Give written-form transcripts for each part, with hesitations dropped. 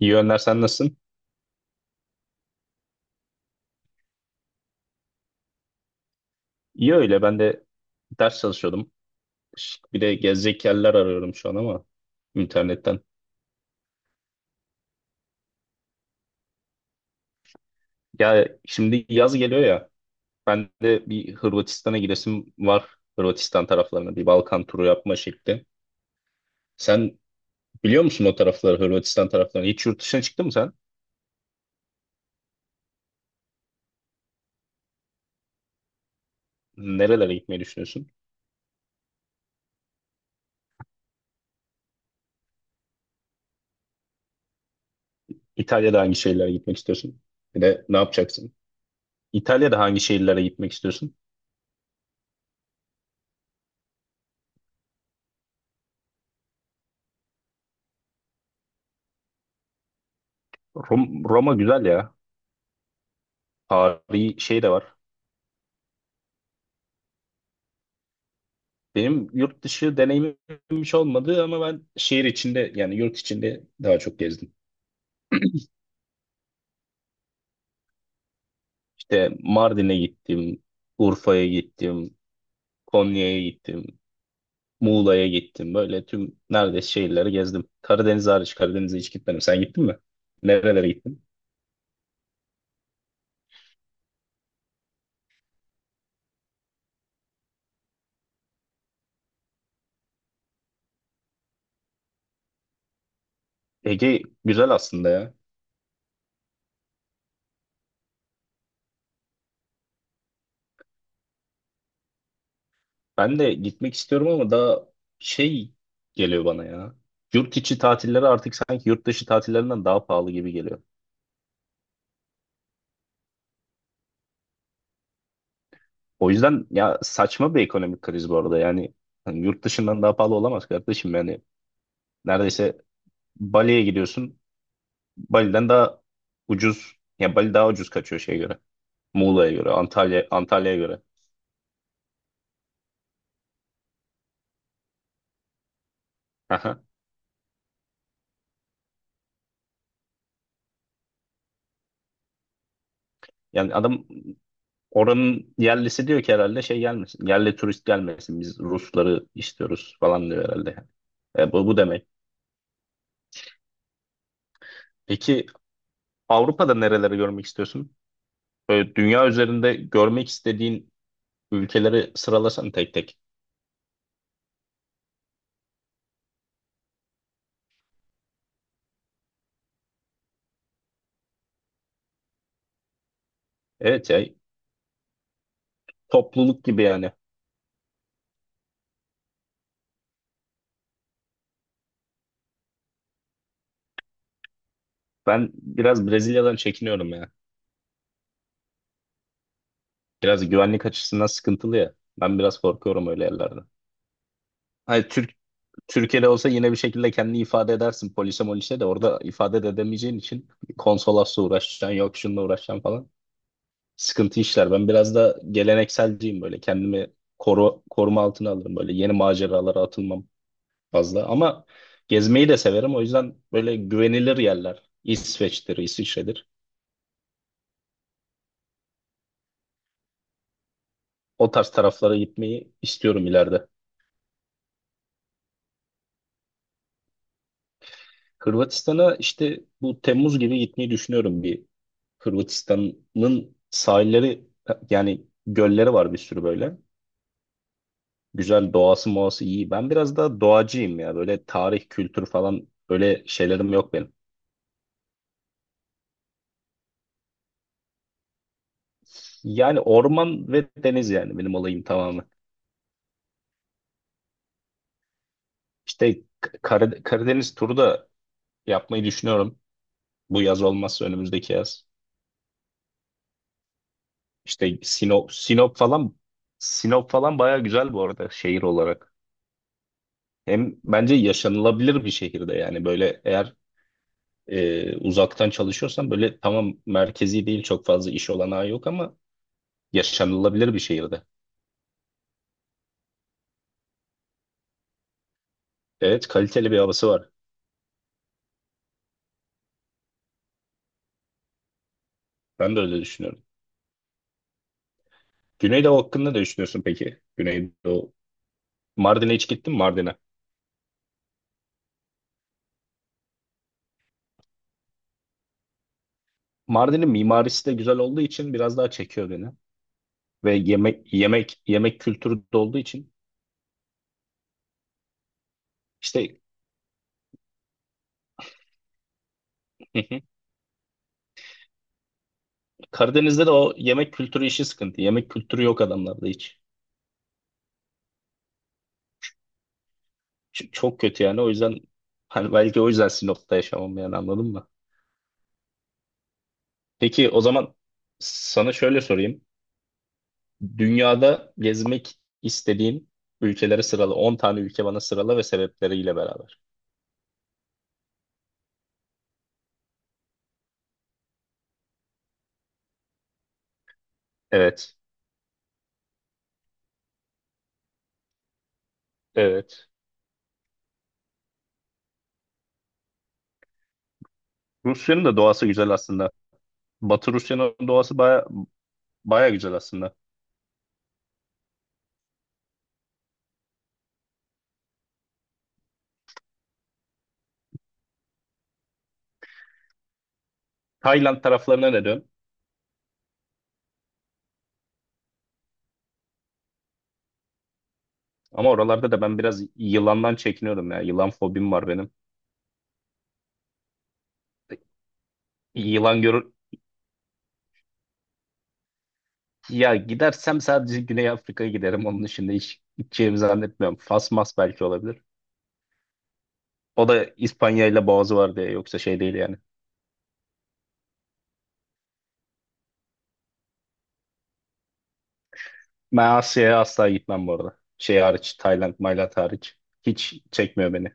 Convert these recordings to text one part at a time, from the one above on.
İyi Önder sen nasılsın? İyi öyle ben de ders çalışıyordum. Şık bir de gezecek yerler arıyorum şu an ama internetten. Ya şimdi yaz geliyor ya ben de bir Hırvatistan'a gidesim var. Hırvatistan taraflarına bir Balkan turu yapma şekli. Sen biliyor musun o tarafları Hırvatistan taraflarını? Hiç yurt dışına çıktın mı sen? Nerelere gitmeyi düşünüyorsun? İtalya'da hangi şehirlere gitmek istiyorsun? Bir de ne yapacaksın? İtalya'da hangi şehirlere gitmek istiyorsun? Roma güzel ya. Tarihi şey de var. Benim yurt dışı deneyimim hiç olmadı ama ben şehir içinde yani yurt içinde daha çok gezdim. İşte Mardin'e gittim, Urfa'ya gittim, Konya'ya gittim, Muğla'ya gittim. Böyle tüm neredeyse şehirleri gezdim. Karadeniz hariç Karadeniz'e hiç gitmedim. Sen gittin mi? Nerelere gittin? Ege güzel aslında ya. Ben de gitmek istiyorum ama daha şey geliyor bana ya. Yurt içi tatilleri artık sanki yurt dışı tatillerinden daha pahalı gibi geliyor. O yüzden ya saçma bir ekonomik kriz bu arada. Yani hani yurt dışından daha pahalı olamaz kardeşim. Yani neredeyse Bali'ye gidiyorsun. Bali'den daha ucuz. Ya Bali daha ucuz kaçıyor şeye göre. Muğla'ya göre, Antalya'ya göre. Aha. Yani adam oranın yerlisi diyor ki herhalde şey gelmesin. Yerli turist gelmesin. Biz Rusları istiyoruz falan diyor herhalde. E, bu demek. Peki Avrupa'da nereleri görmek istiyorsun? Böyle dünya üzerinde görmek istediğin ülkeleri sıralasan tek tek. Evet ya, topluluk gibi yani. Ben biraz Brezilya'dan çekiniyorum ya. Biraz güvenlik açısından sıkıntılı ya. Ben biraz korkuyorum öyle yerlerden. Hani Türkiye'de olsa yine bir şekilde kendini ifade edersin polise molise de orada ifade de edemeyeceğin için konsolosla uğraşacaksın yok şununla uğraşacaksın falan. Sıkıntı işler. Ben biraz da gelenekselciyim böyle. Kendimi koruma altına alırım böyle. Yeni maceralara atılmam fazla ama gezmeyi de severim. O yüzden böyle güvenilir yerler. İsveç'tir, İsviçre'dir. O tarz taraflara gitmeyi istiyorum ileride. Hırvatistan'a işte bu Temmuz gibi gitmeyi düşünüyorum bir. Hırvatistan'ın sahilleri yani gölleri var bir sürü böyle. Güzel doğası moğası iyi. Ben biraz daha doğacıyım ya. Böyle tarih, kültür falan böyle şeylerim yok benim. Yani orman ve deniz yani benim olayım tamamen. İşte Karadeniz turu da yapmayı düşünüyorum. Bu yaz olmazsa önümüzdeki yaz. İşte Sinop falan baya güzel bu arada şehir olarak. Hem bence yaşanılabilir bir şehirde yani böyle eğer uzaktan çalışıyorsan böyle tamam merkezi değil çok fazla iş olanağı yok ama yaşanılabilir bir şehirde. Evet kaliteli bir havası var. Ben de öyle düşünüyorum. Güneydoğu hakkında ne düşünüyorsun peki? Güneydoğu. Mardin'e hiç gittin mi Mardin'e? Mardin'in mimarisi de güzel olduğu için biraz daha çekiyor beni. Ve yemek kültürü de olduğu için işte. Karadeniz'de de o yemek kültürü işi sıkıntı. Yemek kültürü yok adamlarda hiç. Çok kötü yani. O yüzden hani belki o yüzden Sinop'ta yaşamam yani anladın mı? Peki o zaman sana şöyle sorayım. Dünyada gezmek istediğin ülkeleri sırala. 10 tane ülke bana sırala ve sebepleriyle beraber. Evet. Evet. Rusya'nın da doğası güzel aslında. Batı Rusya'nın doğası baya, baya güzel aslında. Tayland taraflarına ne diyorsun? Ama oralarda da ben biraz yılandan çekiniyorum ya. Yılan fobim var benim. Yılan gör, ya gidersem sadece Güney Afrika'ya giderim. Onun dışında hiç gideceğimi zannetmiyorum. Fas mas belki olabilir. O da İspanya ile boğazı var diye yoksa şey değil yani. Ben Asya'ya asla gitmem bu arada. Şey hariç, Tayland, Maylat hariç. Hiç çekmiyor beni.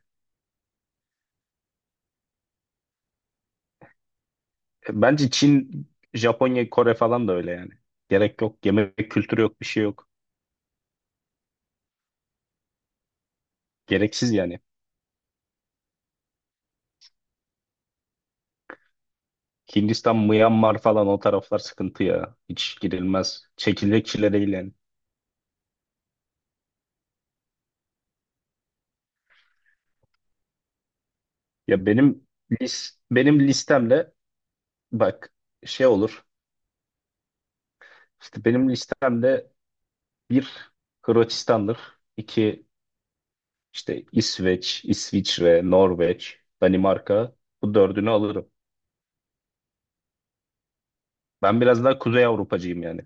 E, bence Çin, Japonya, Kore falan da öyle yani. Gerek yok. Yemek kültürü yok, bir şey yok. Gereksiz yani. Hindistan, Myanmar falan o taraflar sıkıntı ya. Hiç girilmez. Çekilecek çile değil yani. Ya benim listemle bak şey olur. İşte benim listemde bir, Hırvatistan'dır. İki işte İsveç, İsviçre, Norveç, Danimarka, bu dördünü alırım. Ben biraz daha Kuzey Avrupacıyım yani.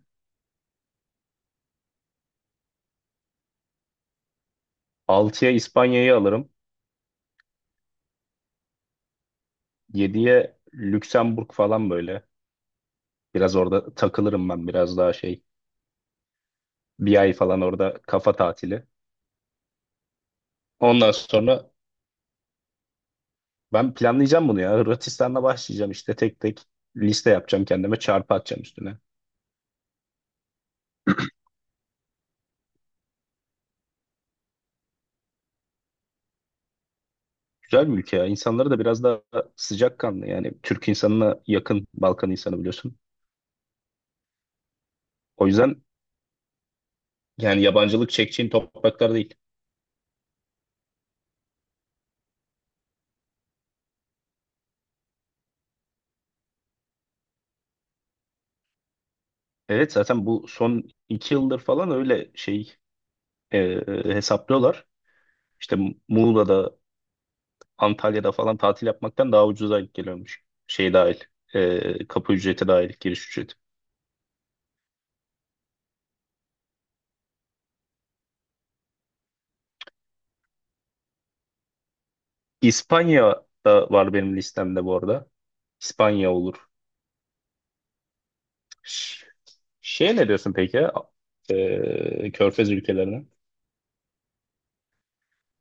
Altıya İspanya'yı alırım. Yediye Lüksemburg falan böyle. Biraz orada takılırım ben biraz daha şey. Bir ay falan orada kafa tatili. Ondan sonra ben planlayacağım bunu ya. Hırvatistan'la başlayacağım işte tek tek liste yapacağım kendime çarpı atacağım üstüne. Güzel bir ülke ya. İnsanları da biraz daha sıcakkanlı. Yani Türk insanına yakın Balkan insanı biliyorsun. O yüzden yani yabancılık çekeceğin topraklar değil. Evet zaten bu son 2 yıldır falan öyle şey hesaplıyorlar. İşte Muğla'da, Antalya'da falan tatil yapmaktan daha ucuza denk geliyormuş. Şey dahil, kapı ücreti dahil, giriş ücreti. İspanya da var benim listemde bu arada. İspanya olur. Ş- Şey ne diyorsun peki ya? E, Körfez ülkelerine.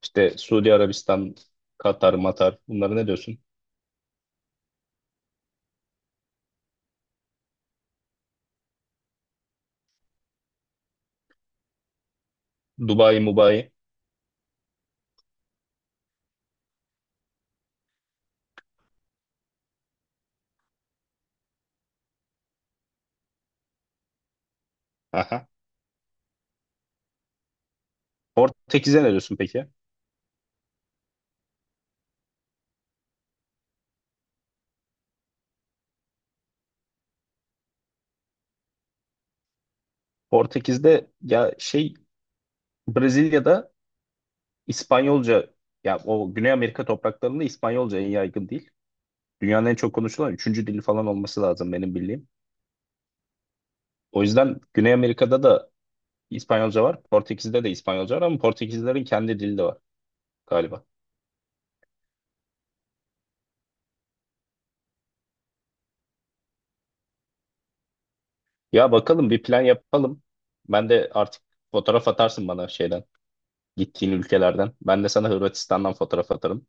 İşte Suudi Arabistan, Katar, Matar, bunlara ne diyorsun? Dubai, Mubai. Aha. Portekiz'e ne diyorsun peki? Portekiz'de ya şey, Brezilya'da İspanyolca, ya o Güney Amerika topraklarında İspanyolca en yaygın değil. Dünyanın en çok konuşulan üçüncü dili falan olması lazım benim bildiğim. O yüzden Güney Amerika'da da İspanyolca var. Portekiz'de de İspanyolca var ama Portekizlerin kendi dili de var galiba. Ya bakalım bir plan yapalım. Ben de artık fotoğraf atarsın bana şeyden, gittiğin ülkelerden. Ben de sana Hırvatistan'dan fotoğraf atarım.